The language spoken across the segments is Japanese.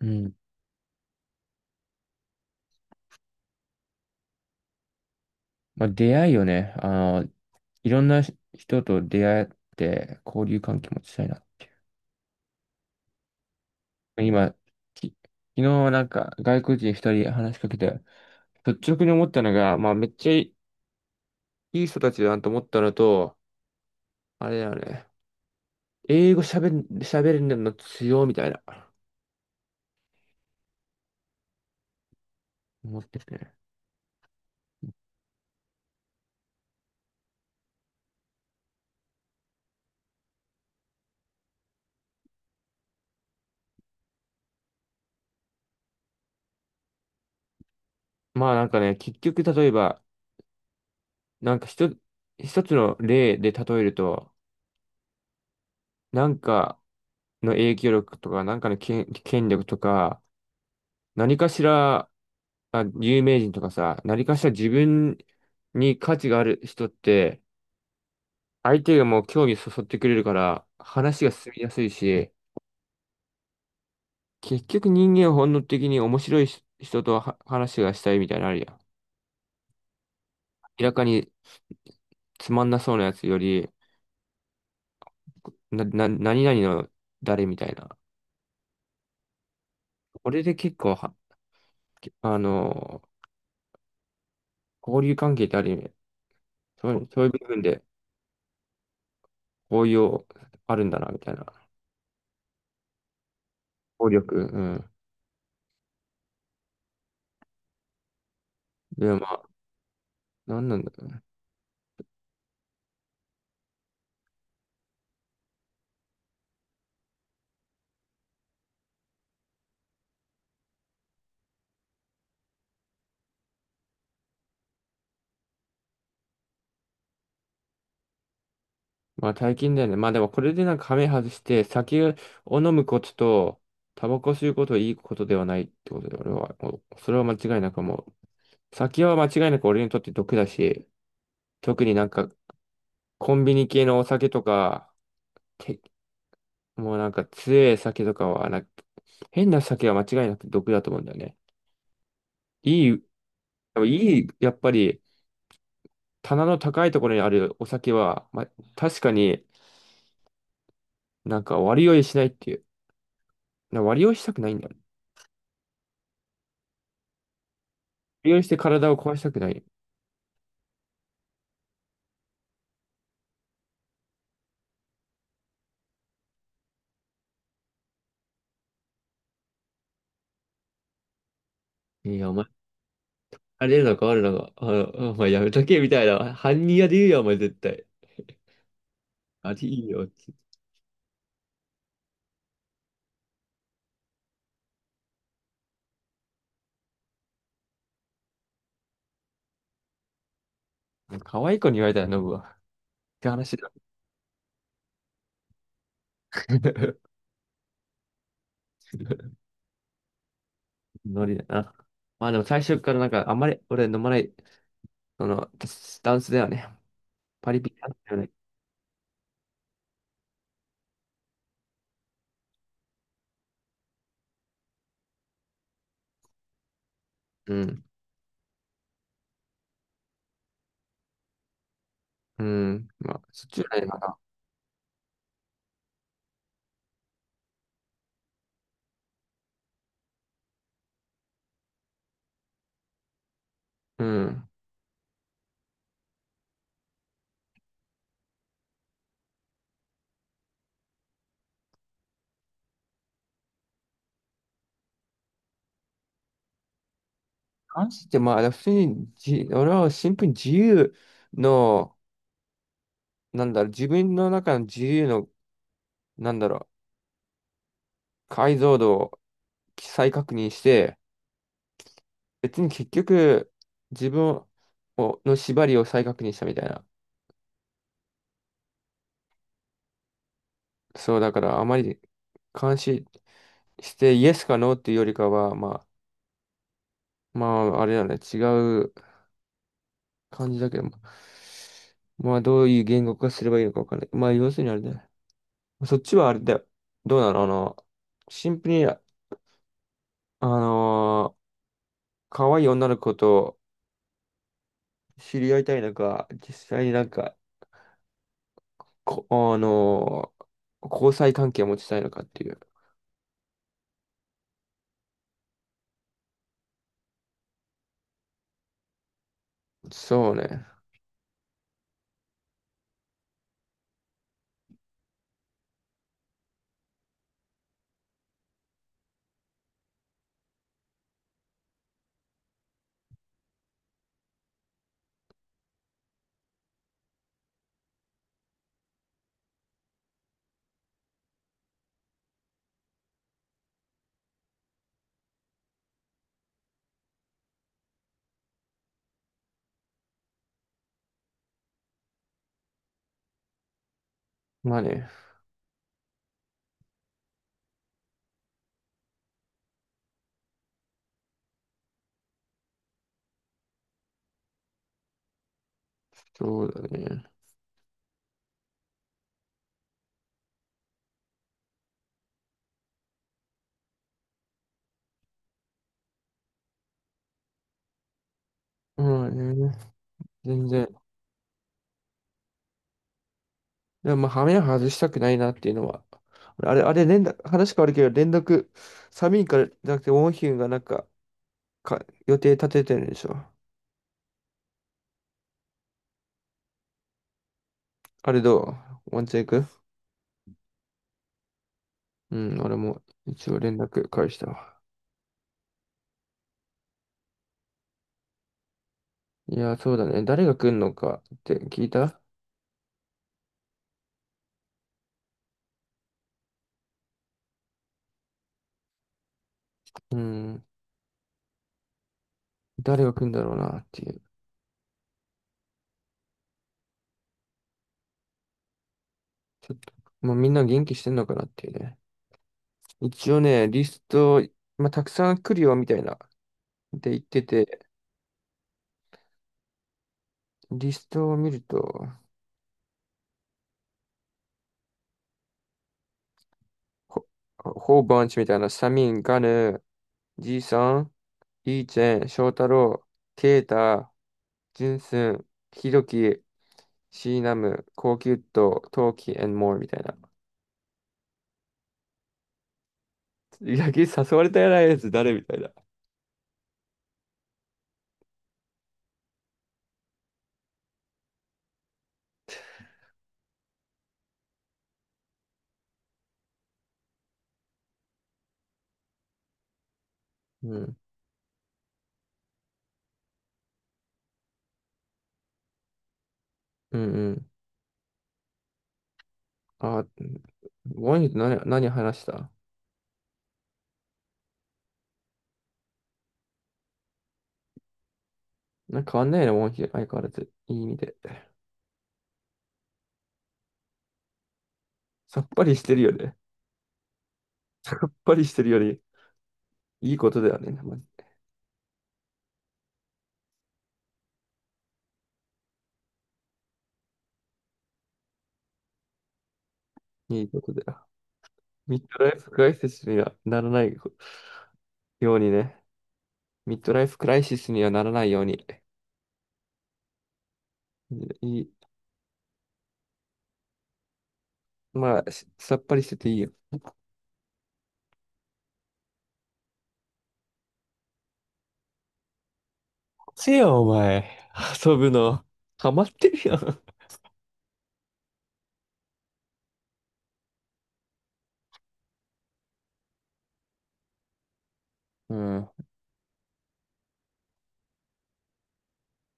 うん。まあ、出会いよね。あの、いろんな人と出会って交流関係持ちたいな。今、き昨日なんか外国人一人話しかけて、率直に思ったのが、まあめっちゃいい人たちだなと思ったのと、あれだよね。英語喋れるの強いみたいな、思っててね。まあなんかね、結局例えば、なんか一つの例で例えると、なんかの影響力とか、なんかの権力とか、何かしら、あ、有名人とかさ、何かしら自分に価値がある人って、相手がもう興味そそってくれるから、話が進みやすいし、結局人間は本能的に面白いし人とは話がしたいみたいなのあるやん。明らかにつまんなそうなやつより、何々の誰みたいな。これで結構は、あの、交流関係ってある意味、そういう部分で応用あるんだな、みたいな。効力、うん。でもまあ、なんなんだろうね。まあ、大金だよね。まあでも、これでなんか亀外して、酒を飲むことと、タバコ吸うことはいいことではないってことで、俺は、もうそれは間違いなくもう、酒は間違いなく俺にとって毒だし、特になんか、コンビニ系のお酒とか、てもうなんか強い酒とかはなんか、変な酒は間違いなく毒だと思うんだよね。いい、いい、やっぱり、棚の高いところにあるお酒は、まあ、確かになんか割り酔いしないっていう。割り酔いしたくないんだよね。割り酔いして体を壊したくない。いや、お前、あれるのか、あるのか、あ、お前やめとけ、みたいな。犯人やで言うよ、お前絶対。あいいよ、って。可愛い子に言われたら飲むわ。って話だ。ノリだな。まあでも最初からなんか、あんまり俺飲まない、その、スタンスだよね。パリピなんだよね。うん。うん。まあ、そっちじゃないかな。うん。視って、まあ、普通に俺はシンプルにの、自分の中の自由の、なんだろう、解像度を再確認して、別に結局、自分をの縛りを再確認したみたいな。そう、だから、あまり監視して、イエスかノーっていうよりかは、まあ、あれだね、違う感じだけども、まあ、どういう言語化すればいいのかわかんない。まあ、要するにあれだね、そっちはあれだよ。どうなのシンプルに、のー可愛い女の子と知り合いたいのか、実際になんか、こ、あのー交際関係を持ちたいのかっていう。そうね。まあね。そうだね。まあね。全然。でもまあ、羽目を外したくないなっていうのは。あれ、連絡、話変わるけど、連絡、サミンからじゃなくて、ウォンヒュンがなんか、予定立ててるんでしょ。あれどうワンチェン行ク。うん、俺も一応連絡返したわ。いや、そうだね。誰が来んのかって聞いた。うん。誰が来んだろうなっていう。ちょっと、もうみんな元気してんのかなっていうね。一応ね、リスト、まあ、たくさん来るよみたいな。で言ってて、リストを見ると、ほ、ホーバンチみたいな、サミン、ガヌ、ジーさん、イーチェン、ショウタロウ、ケイタ、ジュンスン、ヒドキ、シーナム、コウキュット、トウキ、and more みたいな。野球誘われたやつ誰みたいな。うん。うんうん。あ、モンヒと何話した。なんか変わんないねモンヒ、相変わらず。いい意味で。さっぱりしてるよね。さっぱりしてるより、いいことだよね。まじいいことだよ。ミッドライフクライシスにはならないようにね。ミッドライフクライシスにはならないように。いい、まあ、さっぱりしてていいよ。せや、お前。遊ぶの。ハマってるやん。うん。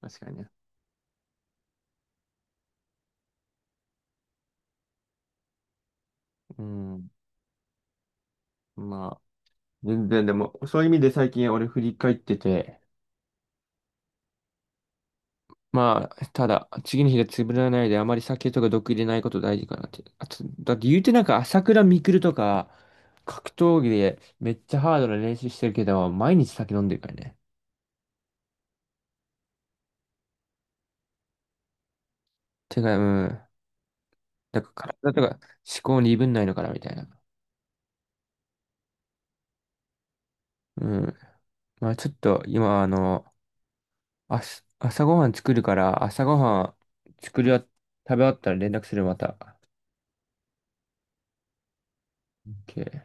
確かにね。うん。まあ。全然でも、そういう意味で最近俺振り返ってて、まあ、ただ、次の日が潰れないで、あまり酒とか毒入れないこと大事かなって。あと、だって言うてなんか朝倉未来とか、格闘技でめっちゃハードな練習してるけど、毎日酒飲んでるからね。てか、うん。だから体とか思考に鈍んないのかなみたいな。うん。まあちょっと今、あす朝ごはん作るから、朝ごはん作りあ、食べ終わったら連絡するまた。OK。